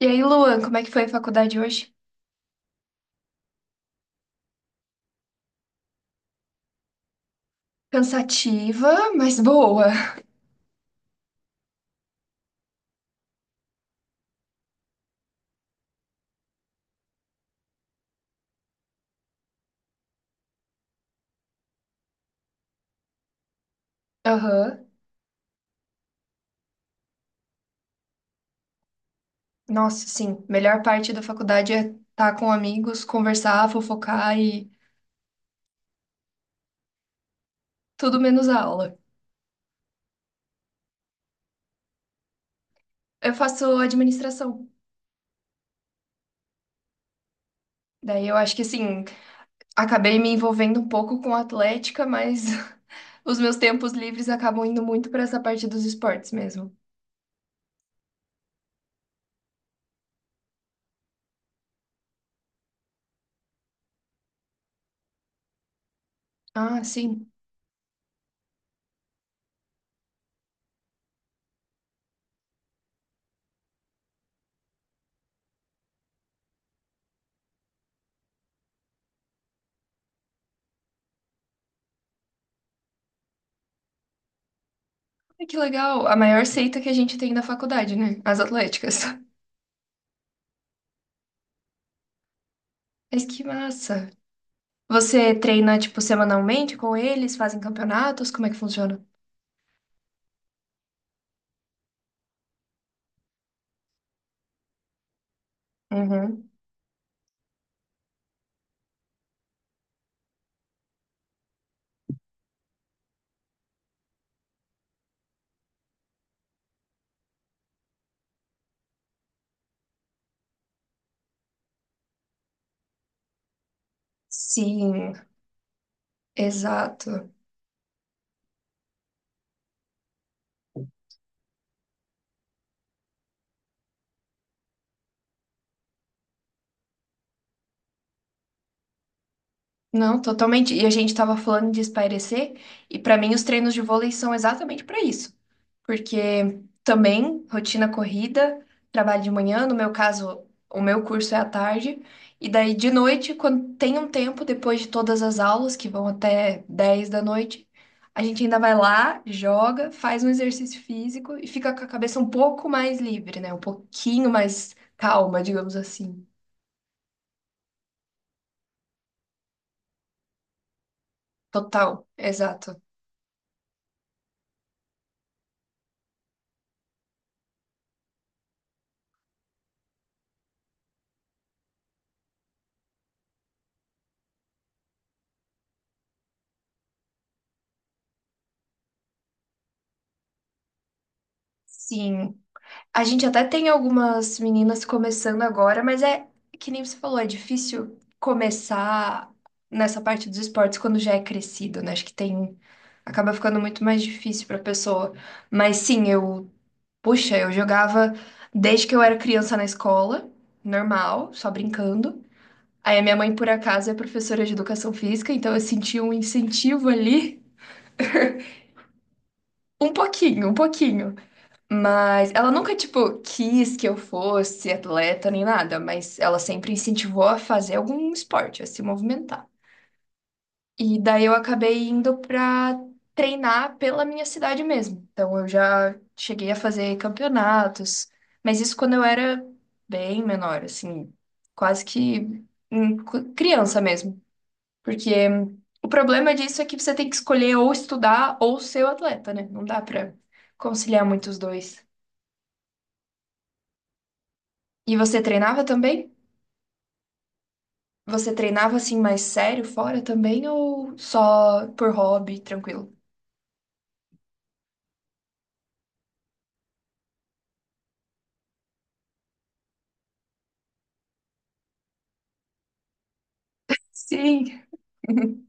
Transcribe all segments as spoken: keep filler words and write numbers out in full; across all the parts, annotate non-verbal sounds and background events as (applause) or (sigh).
E aí, Luan, como é que foi a faculdade hoje? Cansativa, mas boa. Aham. Nossa, sim. Melhor parte da faculdade é estar com amigos, conversar, fofocar e tudo menos a aula. Eu faço administração. Daí eu acho que assim, acabei me envolvendo um pouco com atlética, mas (laughs) os meus tempos livres acabam indo muito para essa parte dos esportes mesmo. Ah, sim. Ai, que legal. A maior seita que a gente tem na faculdade, né? As atléticas. (laughs) Mas que massa. Você treina, tipo, semanalmente com eles? Fazem campeonatos? Como é que funciona? Uhum. Sim, exato. Não, totalmente. E a gente estava falando de espairecer, e para mim os treinos de vôlei são exatamente para isso. Porque também rotina corrida, trabalho de manhã, no meu caso, o meu curso é à tarde, e daí de noite, quando tem um tempo, depois de todas as aulas, que vão até dez da noite, a gente ainda vai lá, joga, faz um exercício físico e fica com a cabeça um pouco mais livre, né? Um pouquinho mais calma, digamos assim. Total, exato. Sim. A gente até tem algumas meninas começando agora, mas é que nem você falou, é difícil começar nessa parte dos esportes quando já é crescido, né? Acho que tem. Acaba ficando muito mais difícil pra pessoa. Mas sim, eu. Puxa, eu jogava desde que eu era criança na escola, normal, só brincando. Aí a minha mãe, por acaso, é professora de educação física, então eu senti um incentivo ali. Um pouquinho, um pouquinho. Mas ela nunca, tipo, quis que eu fosse atleta nem nada, mas ela sempre incentivou a fazer algum esporte, a se movimentar. E daí eu acabei indo pra treinar pela minha cidade mesmo. Então eu já cheguei a fazer campeonatos, mas isso quando eu era bem menor, assim, quase que hum, cu- criança mesmo. Porque o problema disso é que você tem que escolher ou estudar ou ser o atleta, né? Não dá pra conciliar muito os dois. E você treinava também? Você treinava assim mais sério fora também ou só por hobby, tranquilo? Sim. (laughs)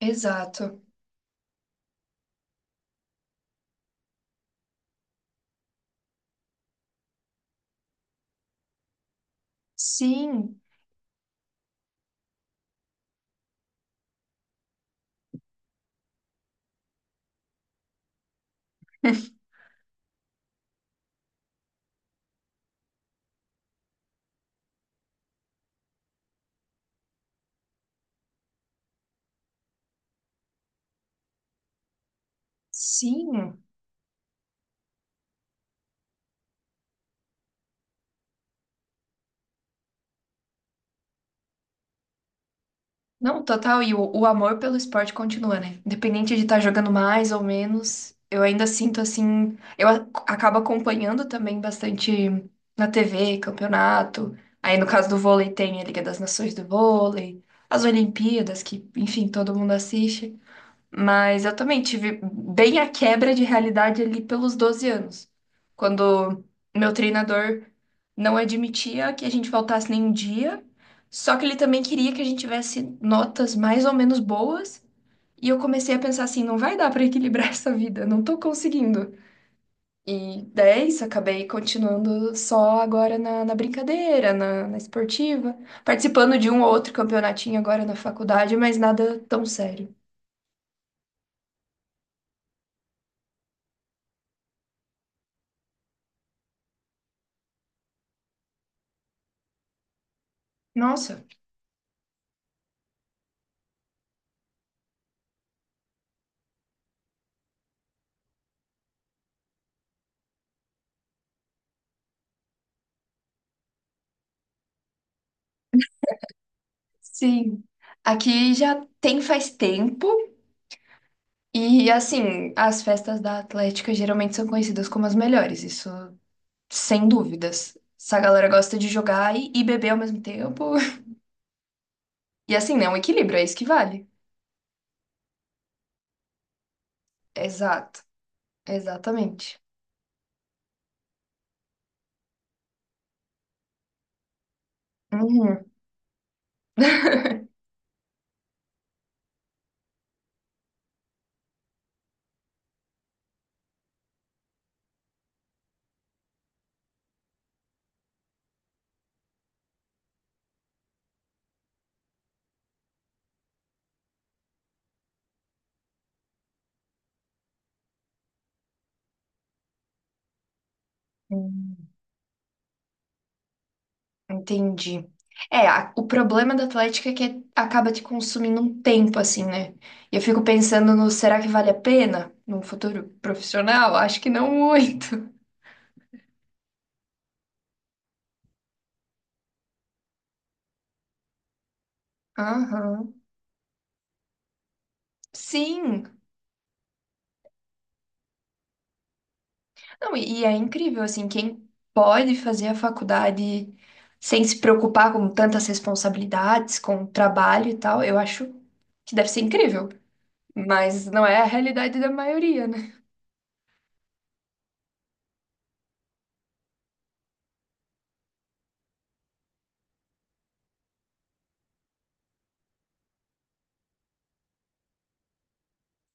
Exato. Sim, sim. Não, total. E o, o amor pelo esporte continua, né? Independente de estar jogando mais ou menos, eu ainda sinto assim. Eu a- acabo acompanhando também bastante na T V, campeonato. Aí no caso do vôlei tem a Liga das Nações do Vôlei, as Olimpíadas, que, enfim, todo mundo assiste. Mas eu também tive bem a quebra de realidade ali pelos doze anos, quando meu treinador não admitia que a gente faltasse nenhum dia, só que ele também queria que a gente tivesse notas mais ou menos boas, e eu comecei a pensar assim, não vai dar para equilibrar (laughs) essa vida, não tô conseguindo. E daí é isso, acabei continuando só agora na, na brincadeira, na, na esportiva, participando de um ou outro campeonatinho agora na faculdade, mas nada tão sério. Nossa, sim, aqui já tem faz tempo e assim, as festas da Atlética geralmente são conhecidas como as melhores, isso sem dúvidas. Essa galera gosta de jogar e, e beber ao mesmo tempo. (laughs) E assim, né, um equilíbrio, é isso que vale. Exato, exatamente. Uhum. (laughs) Hum, entendi. É, a- o problema da Atlética é que acaba te consumindo um tempo, assim, né? E eu fico pensando no será que vale a pena num futuro profissional? Acho que não muito. Aham. Sim. Não, e, e é incrível, assim, quem pode fazer a faculdade sem se preocupar com tantas responsabilidades, com o trabalho e tal, eu acho que deve ser incrível. Mas não é a realidade da maioria, né?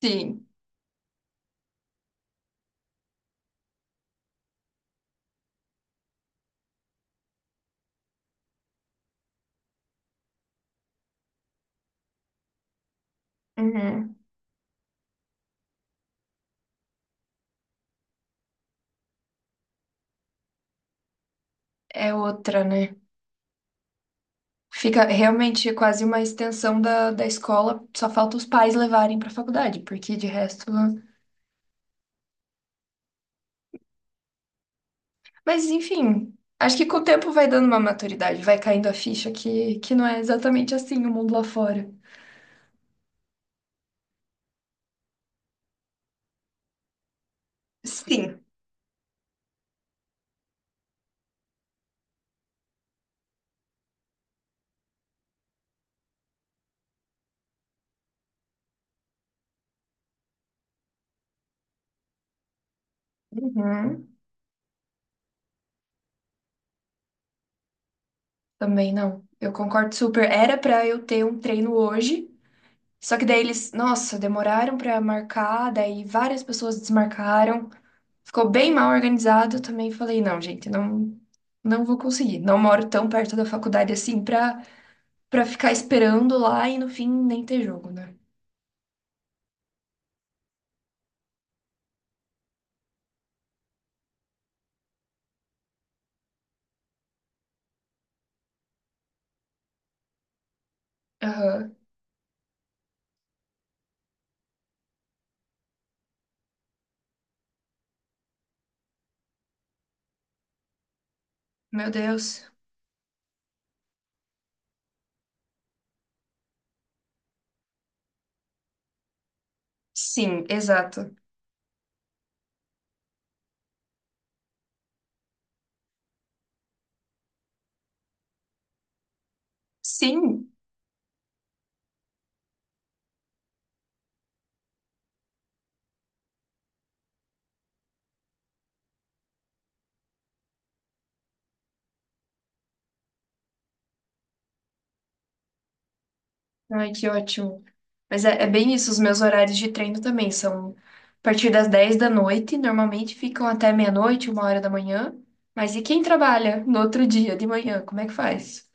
Sim. Uhum. É outra, né? Fica realmente quase uma extensão da, da escola, só falta os pais levarem pra faculdade, porque de resto. Mas enfim, acho que com o tempo vai dando uma maturidade, vai caindo a ficha que, que não é exatamente assim o mundo lá fora. Sim. Uhum. Também não. Eu concordo super. Era pra eu ter um treino hoje, só que daí eles, nossa, demoraram pra marcar, daí várias pessoas desmarcaram. Ficou bem mal organizado. Eu também falei, não, gente, não não vou conseguir. Não moro tão perto da faculdade assim pra para ficar esperando lá e no fim nem ter jogo, né? Aham. Meu Deus. Sim, exato. Sim! Ai, que ótimo. Mas é, é bem isso, os meus horários de treino também são a partir das dez da noite, normalmente ficam até meia-noite, uma hora da manhã. Mas e quem trabalha no outro dia de manhã, como é que faz?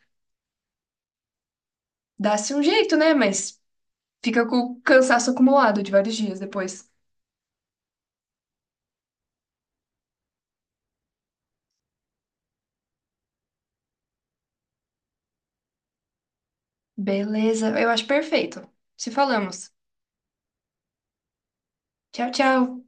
Dá-se um jeito, né? Mas fica com o cansaço acumulado de vários dias depois. Beleza, eu acho perfeito. Se falamos. Tchau, tchau.